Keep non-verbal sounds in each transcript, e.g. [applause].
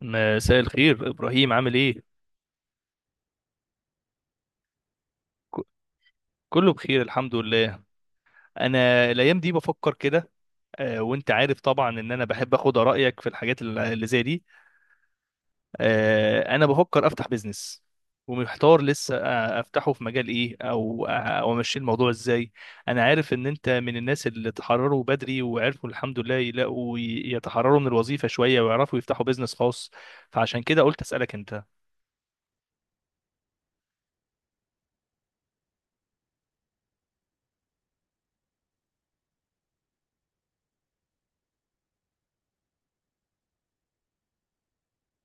مساء الخير، ابراهيم، عامل ايه؟ ك- كله بخير الحمد لله. انا الايام دي بفكر كده. وانت عارف طبعا ان انا بحب اخد رايك في الحاجات اللي زي دي. انا بفكر افتح بيزنس. ومحتار لسه، افتحه في مجال ايه، او امشي الموضوع ازاي. انا عارف ان انت من الناس اللي تحرروا بدري وعرفوا الحمد لله يلاقوا يتحرروا من الوظيفه شويه ويعرفوا يفتحوا بيزنس خاص. فعشان كده قلت اسالك انت.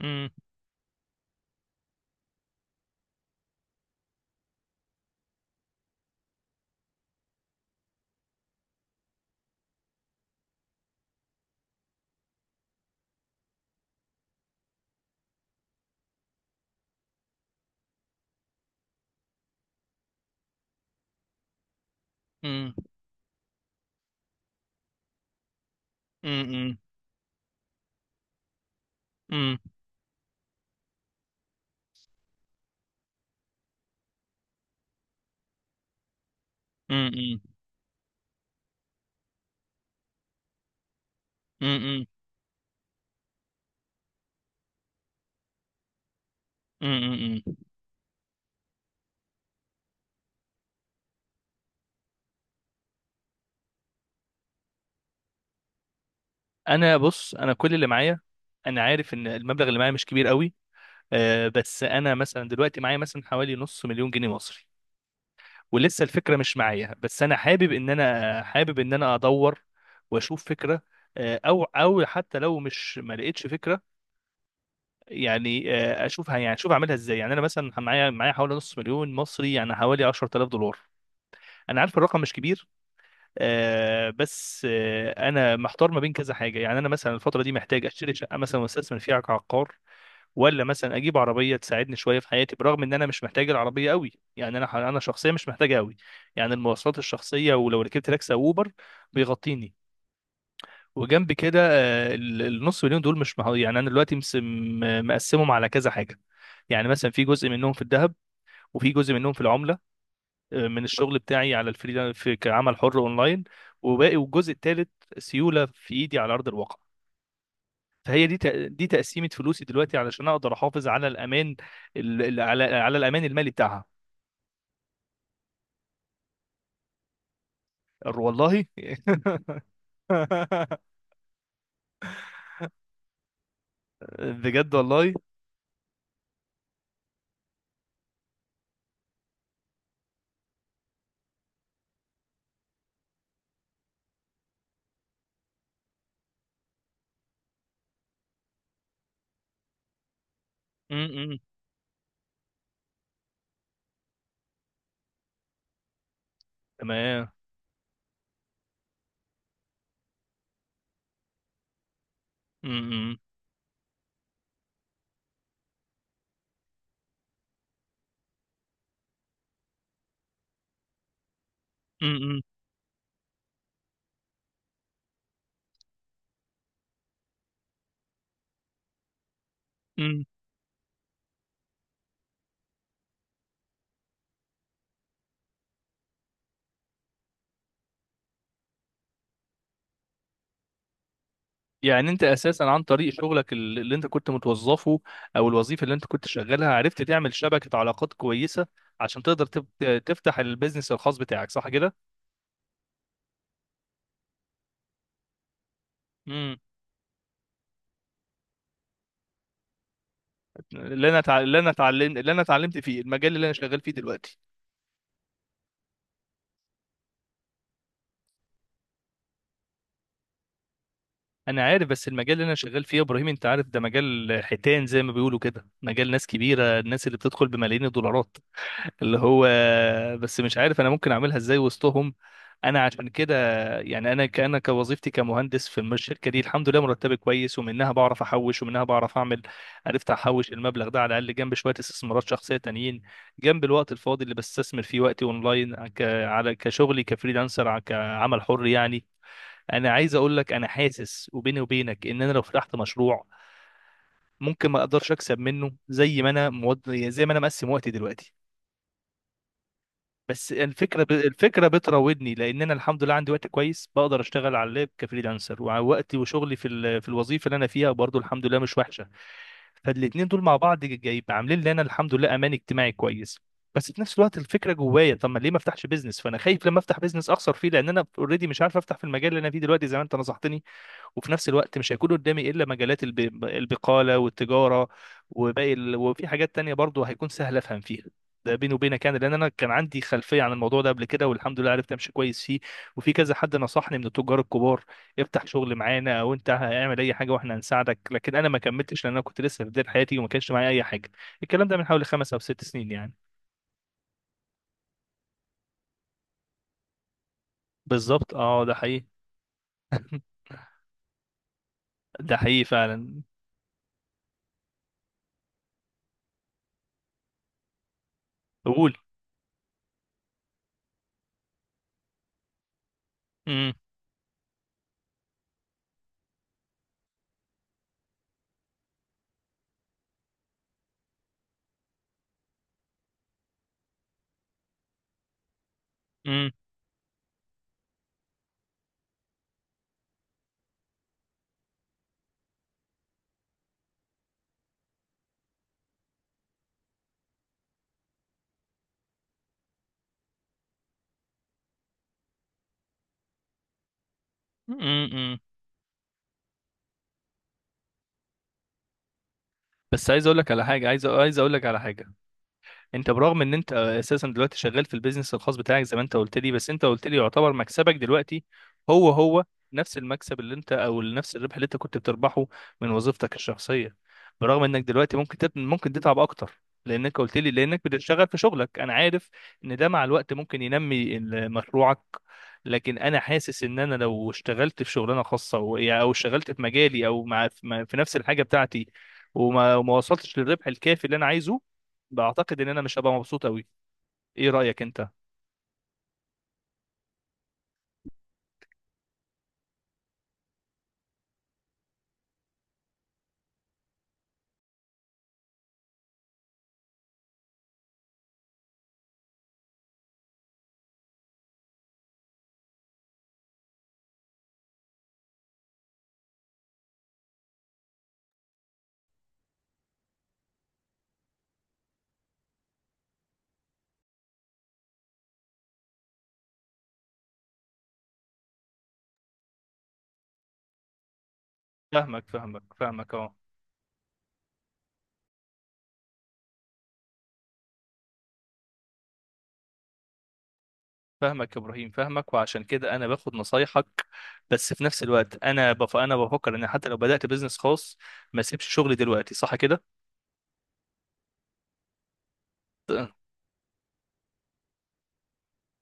امم. امم. امم. امم. امم. امم. انا بص، انا كل اللي معايا، انا عارف ان المبلغ اللي معايا مش كبير قوي. بس انا مثلا دلوقتي معايا مثلا حوالي نص مليون جنيه مصري. ولسه الفكره مش معايا، بس انا حابب ان انا ادور واشوف فكره. او حتى لو مش ما لقيتش فكره، يعني اشوفها، يعني اشوف اعملها ازاي. يعني انا مثلا معايا حوالي نص مليون مصري، يعني حوالي 10,000 دولار. انا عارف الرقم مش كبير. بس انا محتار ما بين كذا حاجه. يعني انا مثلا الفتره دي محتاج اشتري شقه مثلا واستثمر فيها كعقار. ولا مثلا اجيب عربيه تساعدني شويه في حياتي، برغم ان انا مش محتاج العربيه قوي، يعني انا شخصيا مش محتاجها قوي. يعني المواصلات الشخصيه، ولو ركبت تاكسي او اوبر بيغطيني. وجنب كده، النص مليون دول مش يعني انا دلوقتي مقسمهم على كذا حاجه. يعني مثلا في جزء منهم في الذهب، وفي جزء منهم في العمله، من الشغل بتاعي على الفريلانس، في كعمل حر اونلاين. والجزء الثالث سيوله في ايدي على ارض الواقع. فهي دي تقسيمه فلوسي دلوقتي، علشان اقدر احافظ على الامان، ال- ال- على على الامان المالي بتاعها. والله. [laughs] بجد والله. م- م. تمام. م- م. م- م. يعني انت اساسا عن طريق شغلك اللي انت كنت متوظفه، او الوظيفه اللي انت كنت شغالها، عرفت تعمل شبكه علاقات كويسه عشان تقدر تفتح البيزنس الخاص بتاعك، صح كده؟ امم. اللي انا اتعلمت فيه، المجال اللي انا شغال فيه دلوقتي. انا عارف، بس المجال اللي انا شغال فيه يا ابراهيم، انت عارف ده مجال حيتان زي ما بيقولوا كده، مجال ناس كبيره، الناس اللي بتدخل بملايين الدولارات. اللي هو، بس مش عارف انا ممكن اعملها ازاي وسطهم. انا عشان كده، يعني انا كأنا كوظيفتي كمهندس في الشركه دي، الحمد لله مرتبي كويس، ومنها بعرف احوش، ومنها بعرف اعمل. عرفت احوش المبلغ ده على الاقل، جنب شويه استثمارات شخصيه تانيين، جنب الوقت الفاضي اللي بستثمر فيه وقتي اونلاين، على كشغلي كفريلانسر كعمل حر يعني. انا عايز اقول لك، انا حاسس وبيني وبينك ان انا لو فتحت مشروع ممكن ما اقدرش اكسب منه زي ما يعني زي ما انا مقسم وقتي دلوقتي. بس الفكره بتراودني، لان انا الحمد لله عندي وقت كويس، بقدر اشتغل على اللاب كفريلانسر، ووقتي وشغلي في الوظيفه اللي انا فيها برضو الحمد لله مش وحشه. فالاتنين دول مع بعض جايب عاملين لي انا الحمد لله امان اجتماعي كويس. بس في نفس الوقت الفكره جوايا: طب ما ليه ما افتحش بيزنس؟ فانا خايف لما افتح بيزنس اخسر فيه، لان انا اوريدي مش عارف افتح في المجال اللي انا فيه دلوقتي زي ما انت نصحتني. وفي نفس الوقت مش هيكون قدامي الا مجالات البقاله والتجاره، وفي حاجات تانية برضو هيكون سهل افهم فيها. ده بيني وبينك يعني، لان انا كان عندي خلفيه عن الموضوع ده قبل كده، والحمد لله عرفت امشي كويس فيه. وفي كذا حد نصحني من التجار الكبار: افتح شغل معانا، او انت اعمل اي حاجه واحنا هنساعدك. لكن انا ما كملتش لان انا كنت لسه في بدايه حياتي وما كانش معايا اي حاجه. الكلام ده من حوالي 5 او 6 سنين يعني. بالظبط، اه، ده حقيقي. ده حقيقي فعلا. قول. امم. امم. بس عايز اقول لك على حاجه. انت برغم ان انت اساسا دلوقتي شغال في البيزنس الخاص بتاعك زي ما انت قلت لي، بس انت قلت لي يعتبر مكسبك دلوقتي هو هو نفس المكسب اللي انت، او نفس الربح اللي انت كنت بتربحه، من وظيفتك الشخصية. برغم انك دلوقتي ممكن تتعب اكتر، لانك قلت لي لانك بتشتغل في شغلك، انا عارف ان ده مع الوقت ممكن ينمي مشروعك. لكن انا حاسس ان انا لو اشتغلت في شغلانه خاصه، او اشتغلت في مجالي، او مع، في نفس الحاجه بتاعتي، وما وصلتش للربح الكافي اللي انا عايزه، بعتقد ان انا مش هبقى مبسوط قوي. ايه رايك انت؟ فاهمك، فاهمك، فاهمك، اه. فاهمك يا ابراهيم، فاهمك، وعشان كده انا باخد نصايحك. بس في نفس الوقت انا بفكر ان حتى لو بدات بزنس خاص، ما اسيبش شغلي دلوقتي، صح كده؟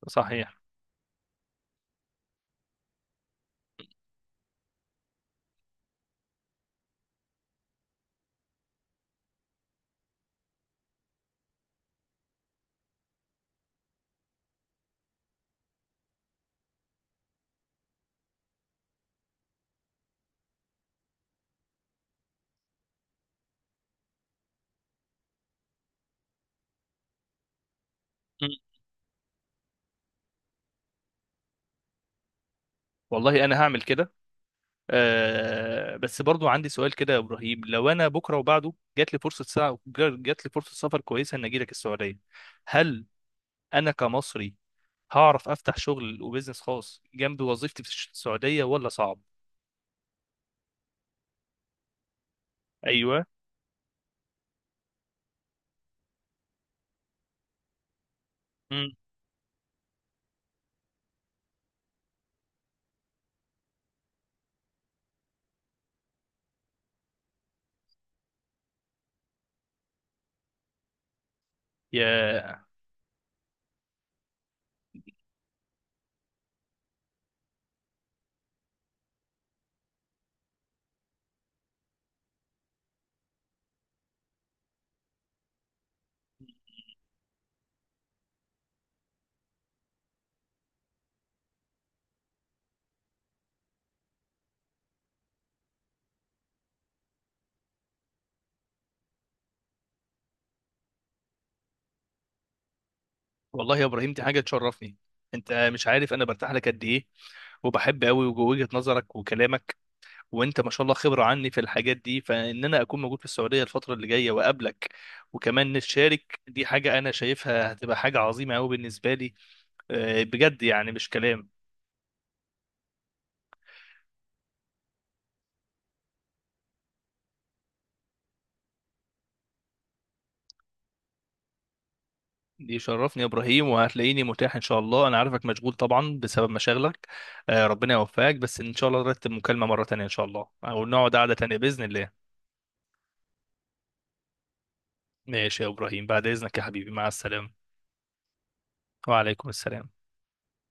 صحيح. مم. والله انا هعمل كده. أه، بس برضو عندي سؤال كده يا ابراهيم: لو انا بكره وبعده جات لي فرصه سا... جات لي فرصه سفر كويسه ان اجي لك السعوديه، هل انا كمصري هعرف افتح شغل وبزنس خاص جنب وظيفتي في السعوديه، ولا صعب؟ ايوه. مم. يا. والله يا ابراهيم، دي حاجه تشرفني. انت مش عارف انا برتاح لك قد ايه، وبحب قوي وجهه نظرك وكلامك، وانت ما شاء الله خبره عني في الحاجات دي. فان انا اكون موجود في السعوديه الفتره اللي جايه واقابلك وكمان نشارك، دي حاجه انا شايفها هتبقى حاجه عظيمه قوي بالنسبه لي. آه، بجد يعني مش كلام. دي شرفني يا ابراهيم، وهتلاقيني متاح ان شاء الله. انا عارفك مشغول طبعا بسبب مشاغلك. آه، ربنا يوفقك. بس ان شاء الله نرتب مكالمه مره تانية ان شاء الله، او نقعد قعده تانية باذن الله. ماشي يا إبراهيم، بعد إذنك يا حبيبي، مع السلامة. وعليكم السلام.